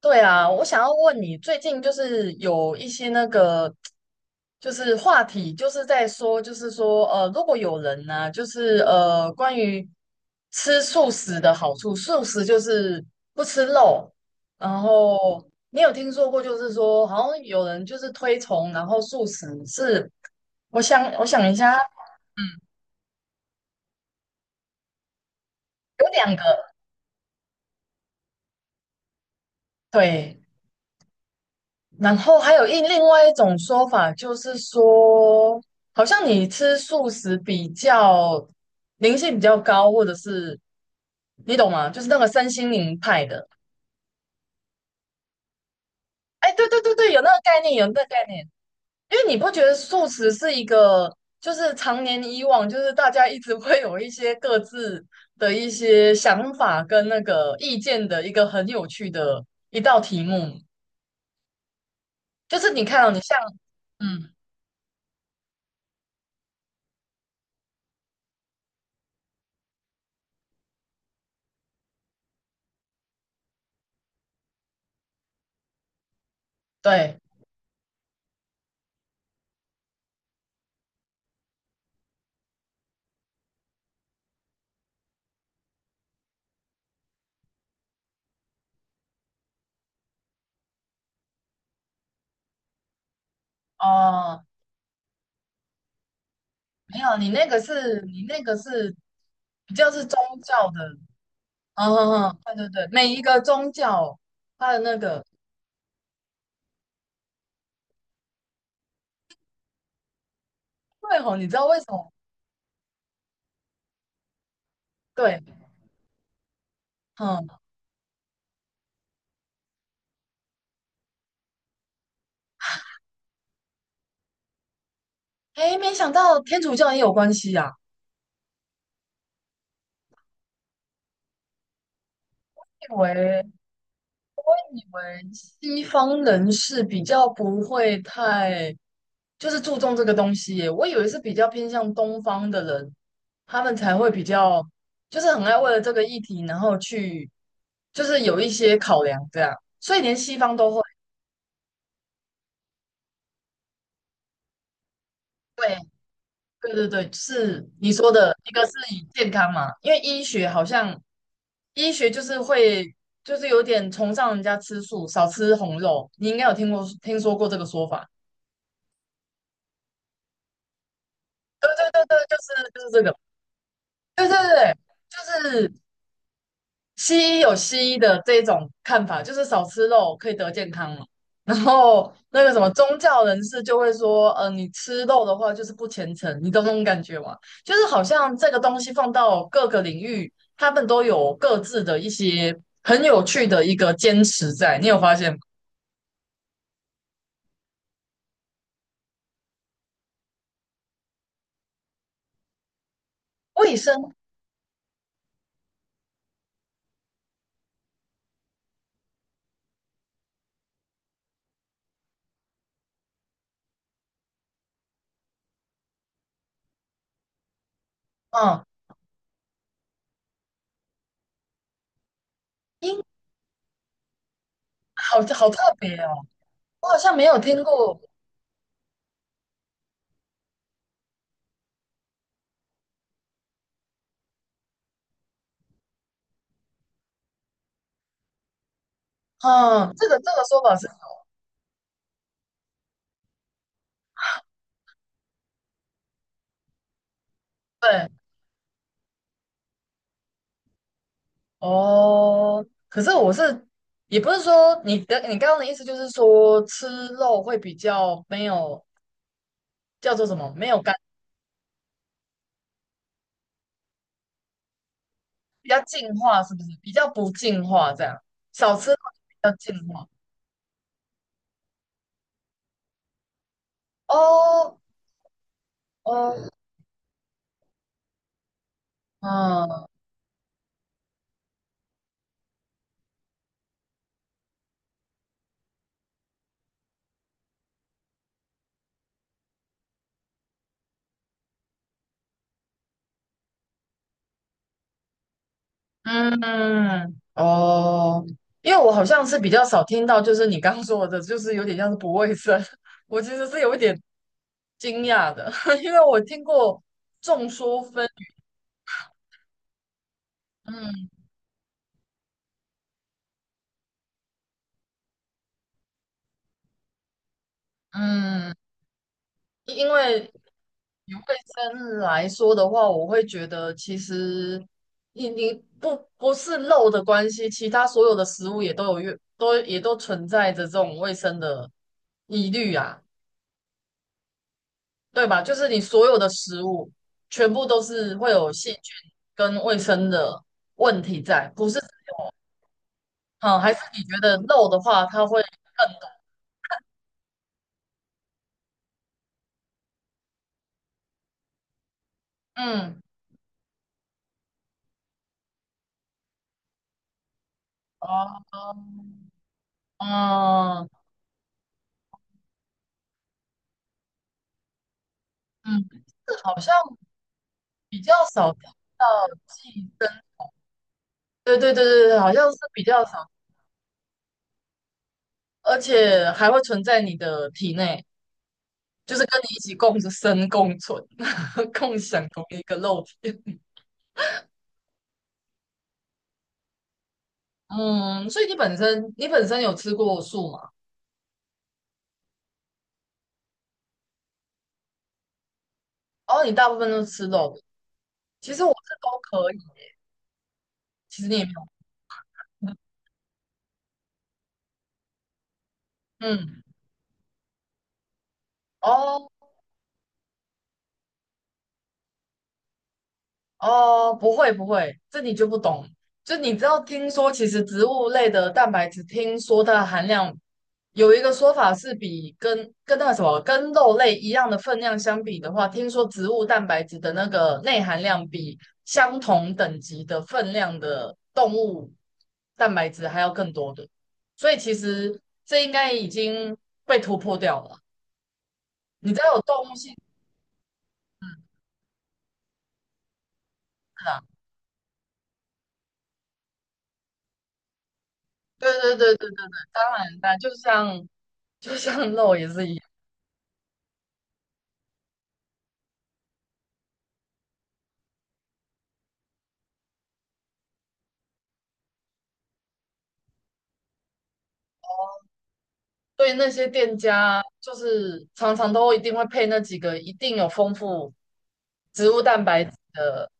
对啊，我想要问你，最近就是有一些那个，就是话题，就是在说，就是说，如果有人呢、就是关于吃素食的好处，素食就是不吃肉，然后你有听说过，就是说，好像有人就是推崇，然后素食是，我想一下，嗯，有两个，对。然后还有一另外一种说法，就是说，好像你吃素食比较灵性比较高，或者是你懂吗？就是那个身心灵派的。哎，对对对对，有那个概念，有那个概念。因为你不觉得素食是一个，就是常年以往，就是大家一直会有一些各自的一些想法跟那个意见的一个很有趣的一道题目。就是你看到、你像，嗯，对。哦，没有，你那个是比较是宗教的，嗯嗯嗯，对对对，每一个宗教它的那个，对吼，你知道为什么？对，嗯，哎，没想到天主教也有关系啊，以为以为西方人是比较不会太就是注重这个东西耶我以为是比较偏向东方的人，他们才会比较就是很爱为了这个议题，然后去就是有一些考量这样，所以连西方都会。对对对对，是你说的，一个是以健康嘛，因为医学好像医学就是会就是有点崇尚人家吃素，少吃红肉。你应该有听说过这个说法，对对对对，就是这个，对对对，就是西医有西医的这种看法，就是少吃肉可以得健康嘛。然后那个什么宗教人士就会说，你吃肉的话就是不虔诚，你懂那种感觉吗？就是好像这个东西放到各个领域，他们都有各自的一些很有趣的一个坚持在。你有发现吗？卫生，嗯，应好好特别哦，我好像没有听过，嗯，这个说法是对。哦，可是我是，也不是说你的，你刚刚的意思就是说吃肉会比较没有叫做什么，没有干，比较净化，是不是？比较不净化这样，少吃肉比较净化。哦哦，嗯嗯哦，因为我好像是比较少听到，就是你刚刚说的，就是有点像是不卫生，我其实是有一点惊讶的，因为我听过众说纷纭，嗯嗯因为以卫生来说的话，我会觉得其实你不是肉的关系，其他所有的食物也都有越都也都存在着这种卫生的疑虑啊，对吧？就是你所有的食物全部都是会有细菌跟卫生的问题在，不是？嗯，还是你觉得肉的话，它会嗯哦嗯嗯，是好像比较少听到寄对对对对对，好像是比较少，而且还会存在你的体内，就是跟你一起共生共存，共享同一个肉体。嗯，所以你本身有吃过素吗？哦，你大部分都吃肉的。其实我是都可以，其实你也没有。嗯，哦，哦，不会不会，这你就不懂。就你知道，听说其实植物类的蛋白质，听说它的含量有一个说法是比跟那个什么跟肉类一样的分量相比的话，听说植物蛋白质的那个内含量比相同等级的分量的动物蛋白质还要更多的。所以其实这应该已经被突破掉了。你知道有动物性嗯是啊？对对对对对对，当然，当然，就像 肉也是一样，对那些店家就是常常都一定会配那几个一定有丰富植物蛋白质的，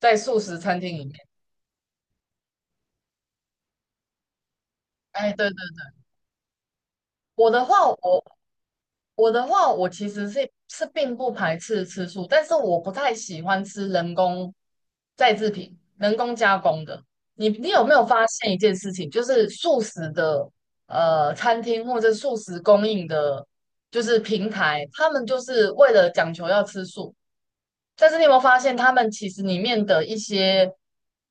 在素食餐厅里面。哎，对对对，我的话，我我的话，我其实是并不排斥吃素，但是我不太喜欢吃人工再制品、人工加工的。你有没有发现一件事情，就是素食的餐厅或者素食供应的，就是平台，他们就是为了讲求要吃素，但是你有没有发现他们其实里面的一些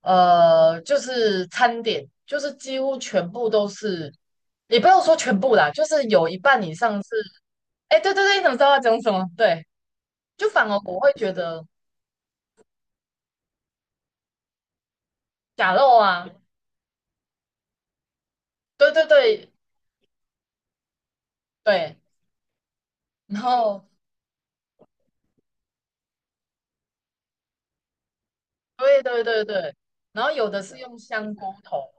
就是餐点，就是几乎全部都是，也不要说全部啦，就是有一半以上是。哎，对对对，你怎么知道要讲什么？对，就反而我会觉得假肉啊，对对对对，然后对对对对，然后有的是用香菇头，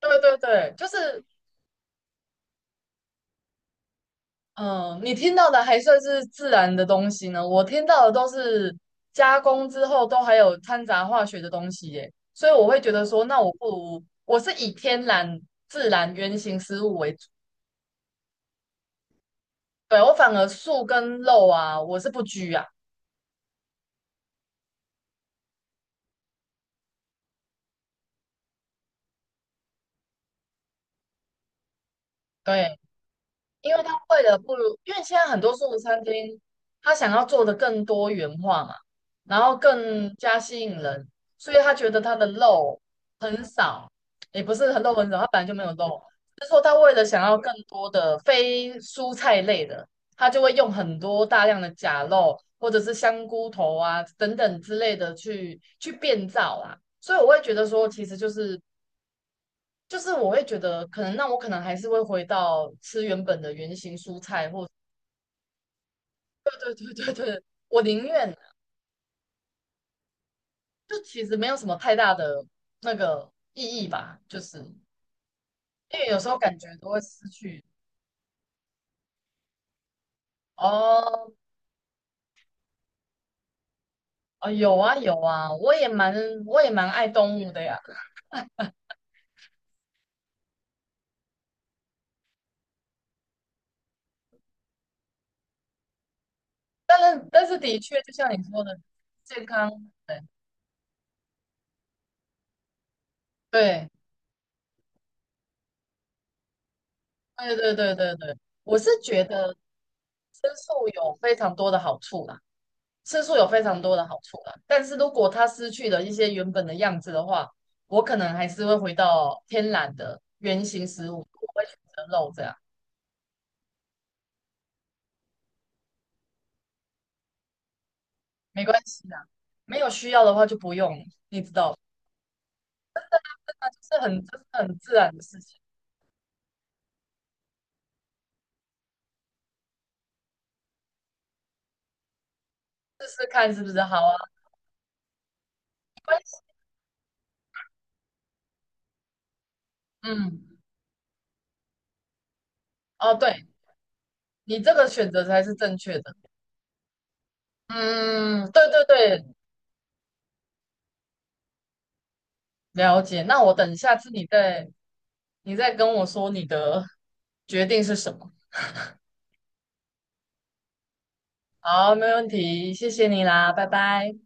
对对对，就是嗯、你听到的还算是自然的东西呢，我听到的都是加工之后都还有掺杂化学的东西耶，所以我会觉得说，那我不如我是以天然自然原型食物为主，对，我反而素跟肉啊，我是不拘啊，对。因为他为了不如，因为现在很多素食餐厅，他想要做的更多元化嘛，然后更加吸引人，所以他觉得他的肉很少，也不是很肉很少，他本来就没有肉，就是说他为了想要更多的非蔬菜类的，他就会用很多大量的假肉或者是香菇头啊等等之类的去变造啦，所以我会觉得说，其实就是我会觉得，可能那我可能还是会回到吃原本的原型蔬菜，或对对对对，我宁愿就其实没有什么太大的那个意义吧，就是因为有时候感觉都会失去哦哦，有啊有啊，我也蛮爱动物的呀，但是的确就像你说的，健康对对对对对对对，我是觉得吃素有非常多的好处啦。吃素有非常多的好处啦，但是如果它失去了一些原本的样子的话，我可能还是会回到天然的原型食物，我会选择肉这样，没关系啦，没有需要的话就不用，你知道，这是很自然的事情，试试看是不是好啊？没关系，嗯，哦，对，你这个选择才是正确的，嗯，对对对，了解。那我等下次你再跟我说你的决定是什么。好，没问题，谢谢你啦，拜拜。